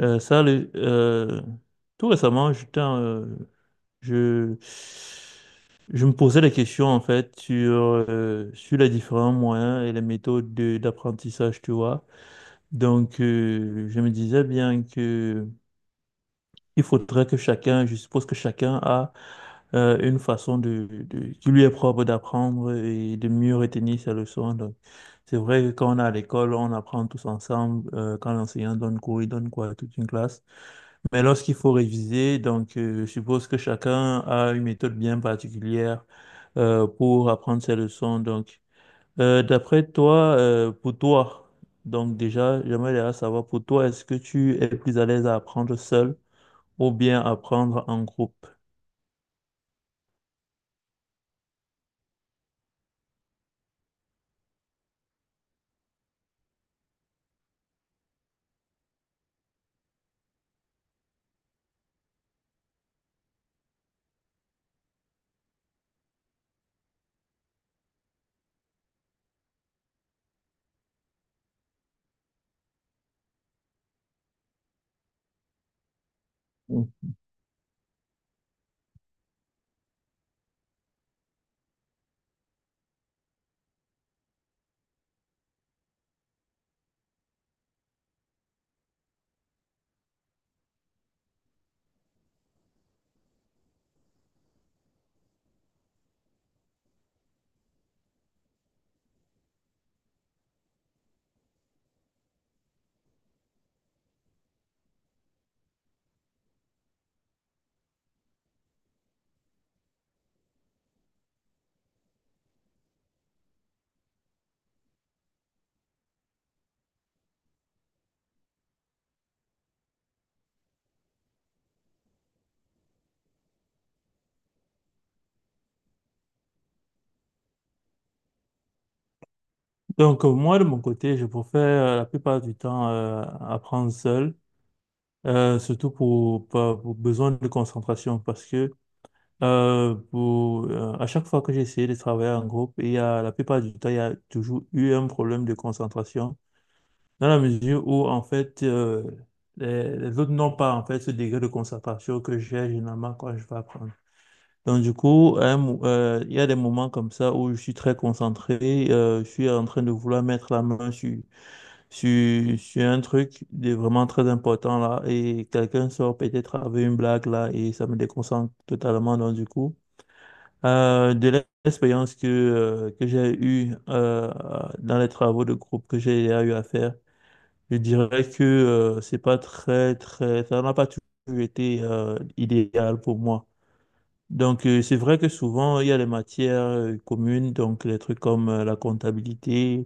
Euh, ça, le- euh, tout récemment, je, je me posais des questions en fait sur les différents moyens et les méthodes d'apprentissage, tu vois. Je me disais bien que il faudrait que chacun, je suppose que chacun a une façon qui lui est propre d'apprendre et de mieux retenir ses leçons. Donc, c'est vrai que quand on est à l'école, on apprend tous ensemble. Quand l'enseignant donne cours, il donne quoi à toute une classe. Mais lorsqu'il faut réviser, je suppose que chacun a une méthode bien particulière pour apprendre ses leçons. Donc, d'après toi, pour toi, donc déjà, J'aimerais déjà savoir pour toi, est-ce que tu es plus à l'aise à apprendre seul ou bien apprendre en groupe? Mm. Moi, de mon côté, je préfère la plupart du temps apprendre seul, surtout pour besoin de concentration, parce que à chaque fois que j'ai essayé de travailler en groupe, il y a, la plupart du temps, il y a toujours eu un problème de concentration, dans la mesure où, en fait, les autres n'ont pas, en fait, ce degré de concentration que j'ai généralement quand je vais apprendre. Donc, du coup, il y a des moments comme ça où je suis très concentré, je suis en train de vouloir mettre la main sur un truc de vraiment très important là, et quelqu'un sort peut-être avec une blague là, et ça me déconcentre totalement. Donc, du coup, de l'expérience que j'ai eue dans les travaux de groupe que j'ai eu à faire, je dirais que c'est pas très, très, ça n'a pas toujours été idéal pour moi. Donc, c'est vrai que souvent, il y a des matières communes, donc les trucs comme la comptabilité,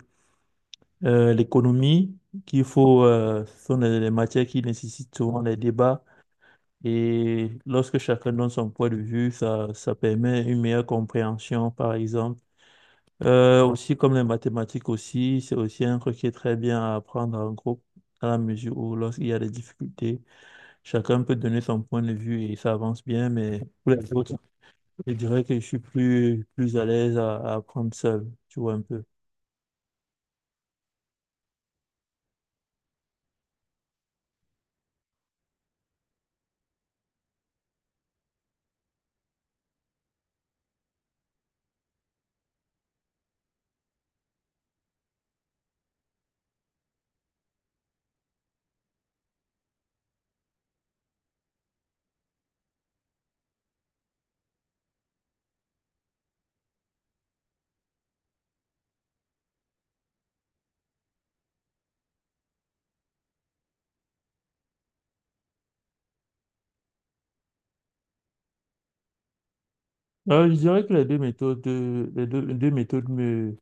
l'économie, ce sont des matières qui nécessitent souvent des débats. Et lorsque chacun donne son point de vue, ça permet une meilleure compréhension, par exemple. Aussi comme les mathématiques aussi, c'est aussi un truc qui est très bien à apprendre en groupe, à la mesure où lorsqu'il y a des difficultés, chacun peut donner son point de vue et ça avance bien, mais pour les autres, je dirais que je suis plus à l'aise à apprendre seul, tu vois un peu. Je dirais que les deux méthodes, les deux méthodes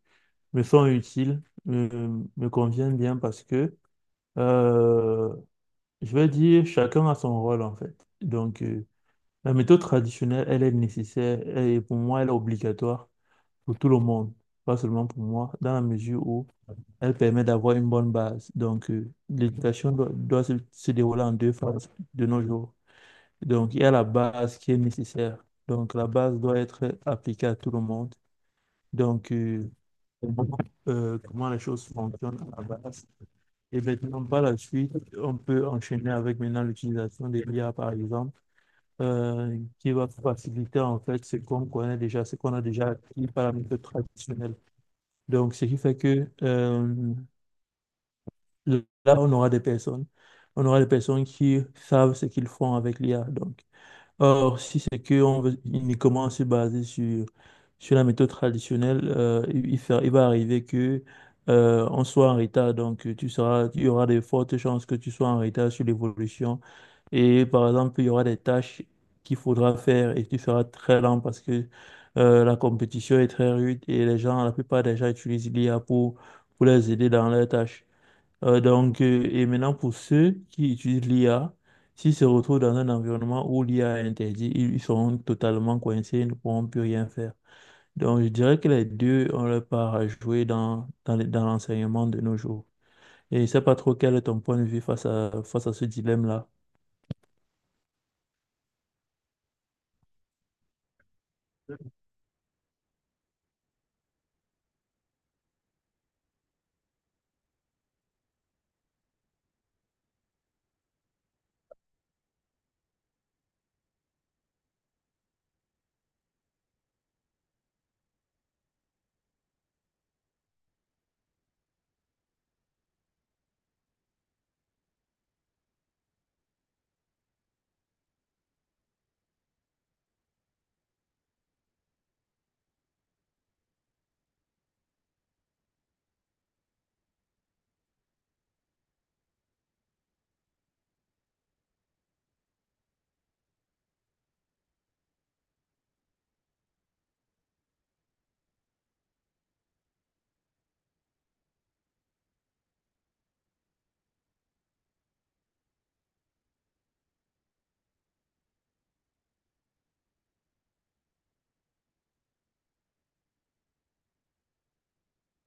me sont utiles, me conviennent bien parce que, euh, je vais dire, chacun a son rôle en fait. Donc, euh, La méthode traditionnelle, elle est nécessaire et pour moi, elle est obligatoire pour tout le monde, pas seulement pour moi, dans la mesure où elle permet d'avoir une bonne base. Donc, l'éducation doit se dérouler en deux phases de nos jours. Donc, il y a la base qui est nécessaire. Donc, la base doit être appliquée à tout le monde. Donc, euh, Comment les choses fonctionnent à la base. Et maintenant, par la suite, on peut enchaîner avec maintenant l'utilisation des IA, par exemple qui va faciliter en fait ce qu'on connaît déjà, ce qu'on a déjà acquis par la méthode traditionnelle. Donc, ce qui fait que là, on aura des personnes, on aura des personnes qui savent ce qu'ils font avec l'IA. Or, si c'est qu'on veut uniquement se baser sur la méthode traditionnelle, il va arriver que on soit en retard. Il y aura de fortes chances que tu sois en retard sur l'évolution. Et par exemple, il y aura des tâches qu'il faudra faire et tu seras très lent parce que la compétition est très rude et les gens, la plupart des gens utilisent l'IA pour les aider dans leurs tâches. Et maintenant, pour ceux qui utilisent l'IA, s'ils se retrouvent dans un environnement où l'IA est interdite, ils seront totalement coincés, ils ne pourront plus rien faire. Donc, je dirais que les deux ont leur part à jouer dans l'enseignement de nos jours. Et je ne sais pas trop quel est ton point de vue face à ce dilemme-là.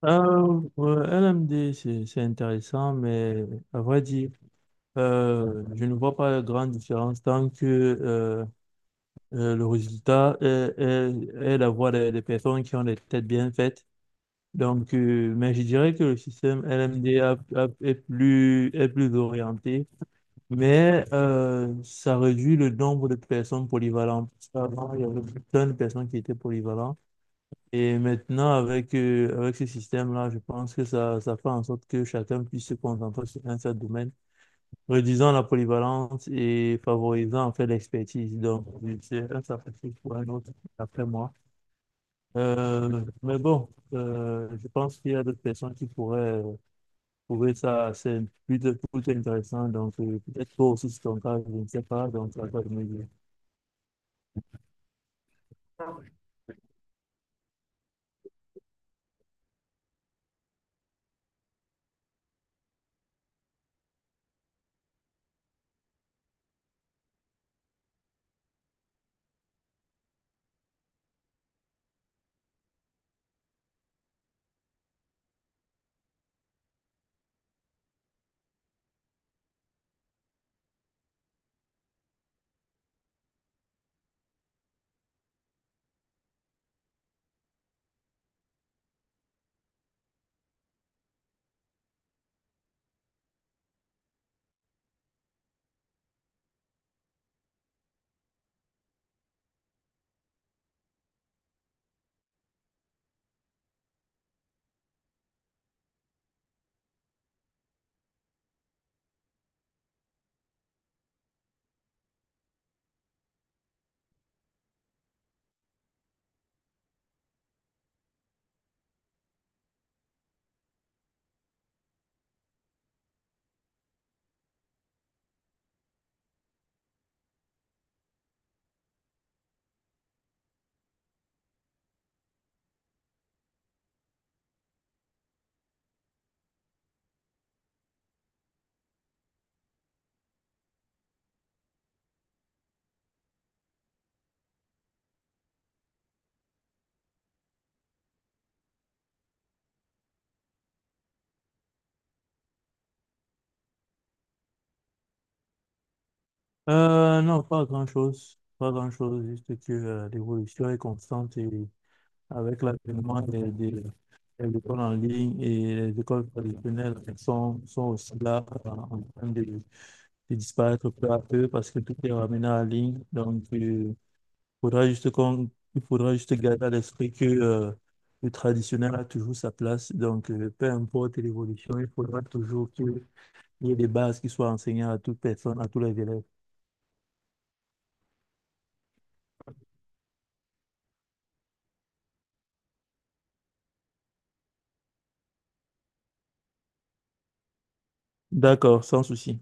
Ouais, LMD, c'est intéressant, mais à vrai dire, je ne vois pas de grande différence tant que le résultat est la voix des personnes qui ont des têtes bien faites. Donc, mais je dirais que le système LMD est plus orienté, mais ça réduit le nombre de personnes polyvalentes. Avant, il y avait plein de personnes qui étaient polyvalentes. Et maintenant, avec ce système-là, je pense ça fait en sorte que chacun puisse se concentrer sur un seul domaine, réduisant la polyvalence et favorisant en fait l'expertise. Donc, c'est un sacrifice pour un autre, après moi. Mais bon, je pense qu'il y a d'autres personnes qui pourraient trouver ça assez plutôt intéressant. Donc, peut-être toi aussi, c'est ton cas, je ne sais pas. Donc, ça toi de me dire. Non, pas grand-chose. Pas grand-chose, juste que l'évolution est constante et avec l'avènement, les écoles en ligne et les écoles traditionnelles sont aussi là en train de disparaître peu à peu parce que tout est ramené en ligne. Donc, il faudra juste garder à l'esprit que le traditionnel a toujours sa place. Donc, peu importe l'évolution, il faudra toujours qu'il y ait des bases qui soient enseignées à toute personne, à tous les élèves. D'accord, sans souci.